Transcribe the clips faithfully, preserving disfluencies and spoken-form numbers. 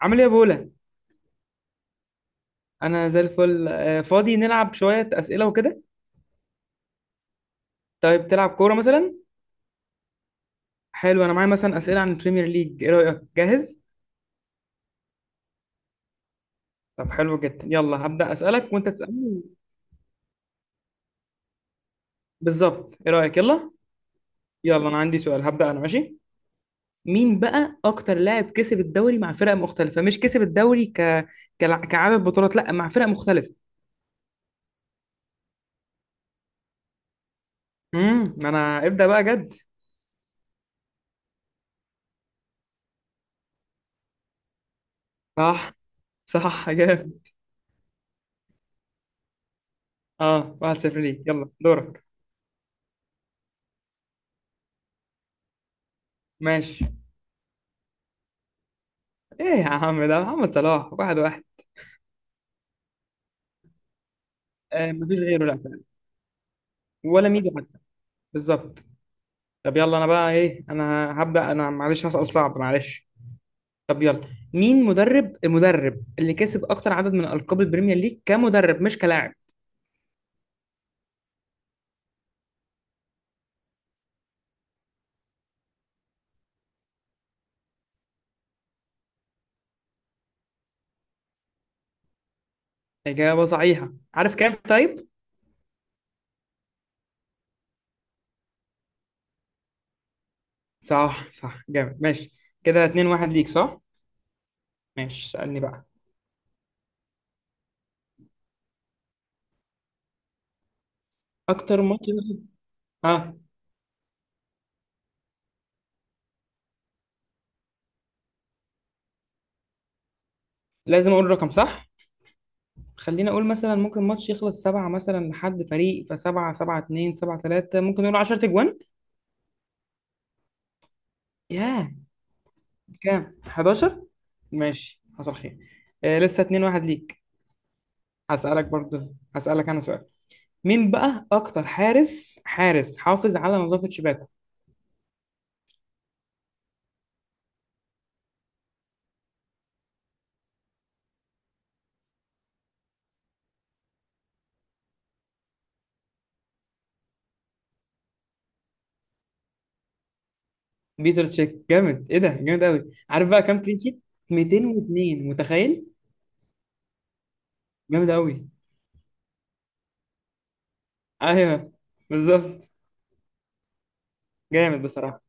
عامل ايه يا بولا؟ انا زي الفل. آه، فاضي، نلعب شويه اسئله وكده. طيب تلعب كوره مثلا؟ حلو، انا معايا مثلا اسئله عن البريمير ليج. ايه رايك؟ جاهز؟ طب حلو جدا، يلا هبدا اسالك وانت تسالني. بالظبط، ايه رايك؟ يلا. يلا انا عندي سؤال، هبدا انا ماشي. مين بقى اكتر لاعب كسب الدوري مع فرق مختلفه؟ مش كسب الدوري ك كلع- كعدد بطولات، لا، مع فرق مختلفه. امم انا ابدا بقى جد. صح، صح، جامد. اه، واحد صفر ليك، يلا دورك. ماشي. ايه يا عم ده محمد صلاح، واحد واحد. آه، مفيش غيره، لا فعلا. ولا ميدو حتى. بالظبط. طب يلا، انا بقى ايه، انا هبدأ، انا معلش هسأل صعب معلش. طب يلا. مين مدرب المدرب اللي كسب اكتر عدد من القاب البريمير ليج كمدرب مش كلاعب؟ إجابة صحيحة. عارف كام؟ طيب. صح، صح، جامد، ماشي. كده اتنين واحد ليك، صح؟ ماشي، سألني بقى. اكتر ماتش. اه، لازم اقول رقم، صح. خلينا اقول مثلا ممكن ماتش يخلص سبعة مثلا لحد فريق، فسبعة سبعة، اتنين سبعة تلاتة، ممكن نقول عشرة تجوان. ياه، كام؟ احد عشر؟ ماشي، حصل خير. آه لسه اتنين واحد ليك. هسألك برضه، هسألك انا سؤال. مين بقى اكتر حارس حارس حافظ على نظافة شباكه؟ بيتر تشيك، جامد. ايه ده جامد قوي. عارف بقى كام كلين شيت؟ مئتين واتنين، متخيل؟ جامد قوي. ايوه، بالظبط. جامد بصراحة.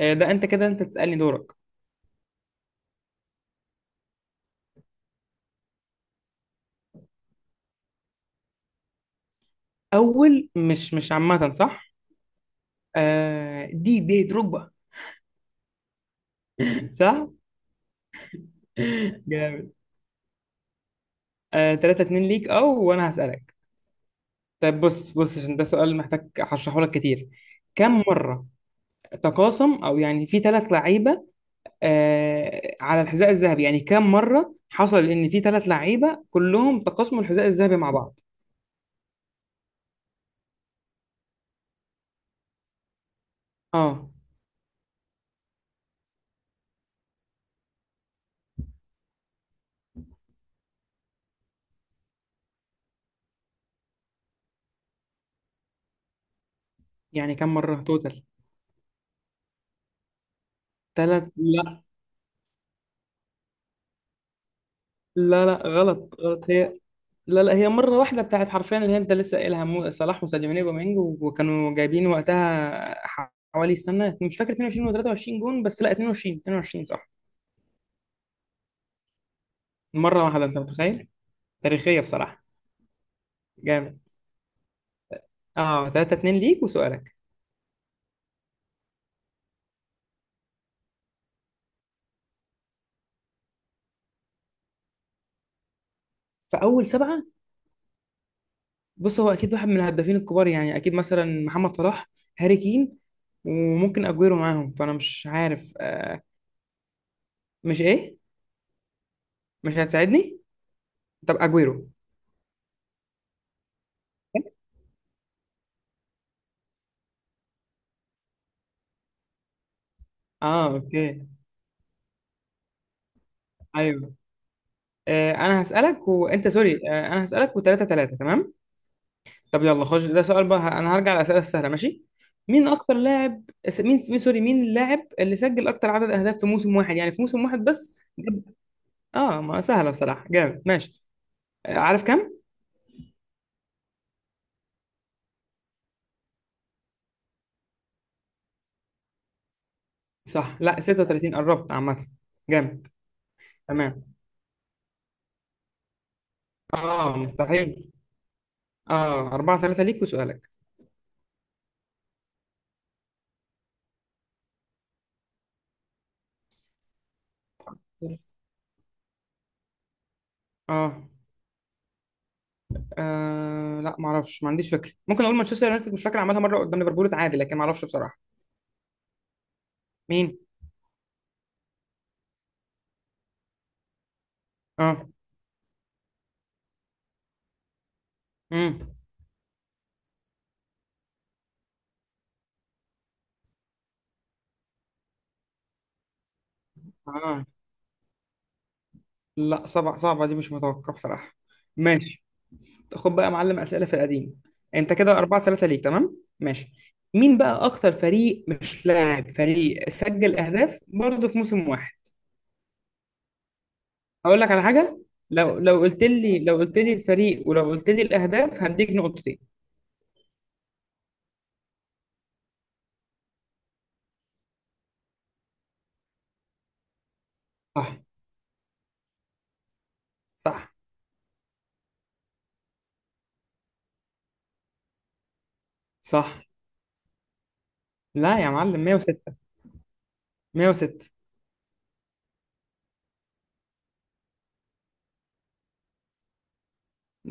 آه ده انت كده، انت تسألني، دورك. اول، مش مش عامة صح؟ آه، دي دي دروجبا. صح. جامد. آه تلاتة اتنين ليك، او، وانا هسألك. طيب، بص بص، عشان ده سؤال محتاج هشرحه لك كتير. كم مرة تقاسم، او يعني، في ثلاث لعيبة آه على الحذاء الذهبي، يعني كم مرة حصل ان في ثلاث لعيبة كلهم تقاسموا الحذاء الذهبي مع بعض؟ اه يعني كم مرة توتال. ثلاث، لا. لا لا، غلط غلط، هي، لا لا، هي مرة واحدة بتاعت، حرفيا اللي هي انت لسه قايلها، مو- صلاح وساديو ماني وبامينج، وكانوا جايبين وقتها حوالي، استنى مش فاكر، اتنين وعشرين و تلاتة وعشرين جون، بس لا، اتنين وعشرين، اتنين وعشرين، صح. مرة واحدة، انت متخيل؟ تاريخية بصراحة. جامد. اه تلاتة اتنين ليك وسؤالك. فأول سبعة. بص هو أكيد واحد من الهدافين الكبار، يعني أكيد مثلا محمد صلاح، هاري كين، وممكن أجويرو معاهم. فأنا مش عارف آه. مش إيه؟ مش هتساعدني؟ طب أجويرو. اه، اوكي. ايوه. آه انا هسألك، وانت، سوري، آه انا هسألك، وتلاتة تلاتة تمام. طب يلا خش، ده سؤال بقى، انا هرجع للأسئلة السهلة، ماشي. مين اكتر لاعب، س- مين مين- سوري، مين اللاعب اللي سجل اكتر عدد اهداف في موسم واحد، يعني في موسم واحد بس؟ اه، ما سهله بصراحه، جامد، ماشي. آه، عارف كام؟ صح. لا، ستة وثلاثين، قربت عامه. جامد. تمام. اه، مستحيل. اه اربعة تلاتة ليك وسؤالك. اه، آه، لا ما اعرفش، ما عنديش فكره، ممكن اقول مانشستر يونايتد، مش فاكر عملها مره قدام ليفربول، اتعادل، لكن ما اعرفش بصراحه. مين؟ اه. امم اه، لا، صعبه صعبه دي، مش متوقع بصراحه. ماشي. خد بقى يا معلم اسئله في القديم. انت كده اربعة تلاتة ليك، تمام ماشي. مين بقى اكتر فريق، مش لاعب، فريق سجل اهداف برضه في موسم واحد؟ اقول لك على حاجه، لو لو قلت لي، لو قلت لي الفريق، ولو قلت لي الاهداف، هديك نقطتين. صح، صح، صح. لا يا معلم، مية وستة. مية وستة،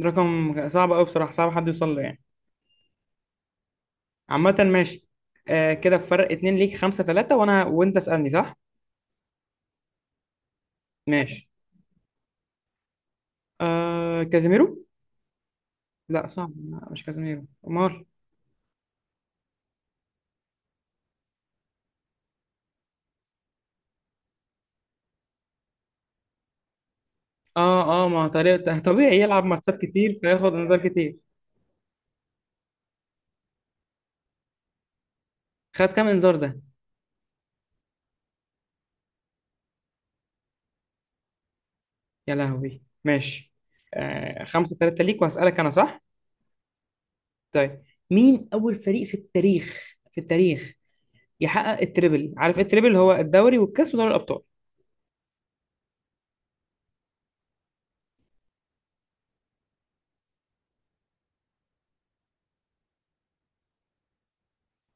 رقم صعب قوي بصراحه، صعب حد يوصل له يعني. عامه ماشي. آه كده فرق اتنين ليك، خمسة ثلاثة، وانا، وانت اسألني، صح. ماشي. آه كازيميرو. لا، صعب، لا، مش كازيميرو، امال؟ اه اه، ما طريقة، طبيعي يلعب ماتشات كتير فياخد انذار كتير. خد كام انذار ده؟ يا لهوي، ماشي. آه خمسة تلاتة ليك، وهسألك انا، صح؟ طيب. مين اول فريق في التاريخ، في التاريخ، يحقق التريبل؟ عارف إيه التريبل؟ هو الدوري والكاس ودوري الابطال.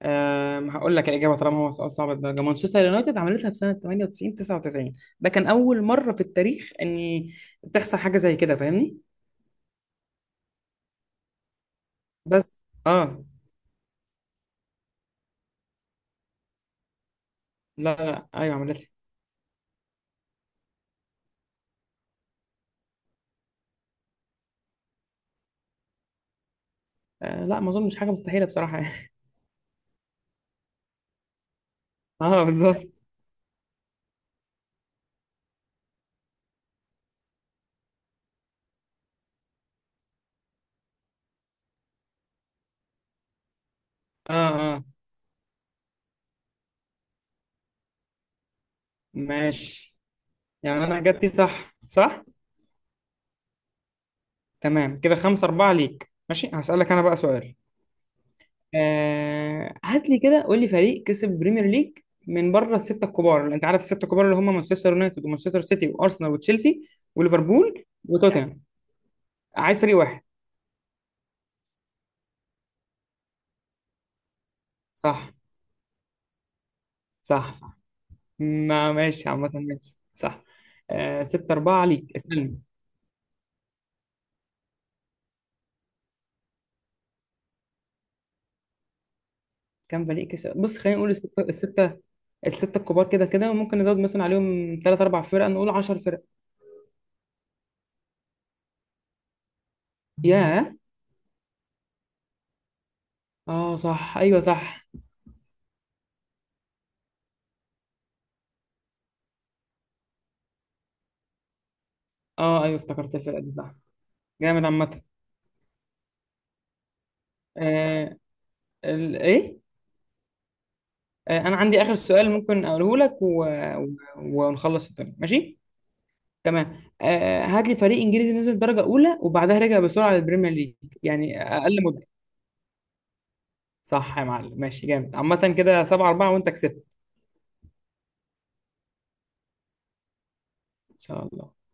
آه هقول لك الاجابه طالما هو سؤال صعب الدرجه، مانشستر يونايتد عملتها في سنه تمانية وتسعين تسعة وتسعين. ده كان اول مره في التاريخ ان تحصل حاجه زي كده، فاهمني؟ بس اه. لا لا، ايوه عملتها. آه لا، ما اظنش، حاجه مستحيله بصراحه يعني. اه، بالظبط. اه اه، ماشي يعني، انا اجابتي صح، صح. تمام كده، خمسة أربعة ليك، ماشي، هسألك انا بقى سؤال. آه هات لي كده، قول لي فريق كسب البريمير ليج من بره الستة الكبار، اللي انت عارف الستة الكبار، اللي هم مانشستر يونايتد ومانشستر سيتي وارسنال وتشيلسي وليفربول وتوتنهام. عايز فريق واحد. صح، صح، صح. ما ماشي، عامة، ماشي، صح. آه ستة أربعة ليك، اسألني. كام فريق كسب؟ بص خلينا نقول الستة، الستة الستة الكبار كده كده، وممكن نزود مثلا عليهم تلات أربع فرق، نقول عشر فرق. ياه. اه، صح، أيوه صح. اه أيوه، افتكرت الفرقة دي، صح. جامد عامة. آه، ال... إيه. آه أنا عندي آخر سؤال ممكن أقوله لك، و... و... ونخلص الدنيا، ماشي. تمام، آه هات لي فريق إنجليزي نزل درجة أولى، وبعدها رجع بسرعة للبريمير ليج، يعني أقل مدة. صح يا معلم، ماشي، جامد عامة. كده سبعة أربعة وأنت كسبت. إن شاء الله.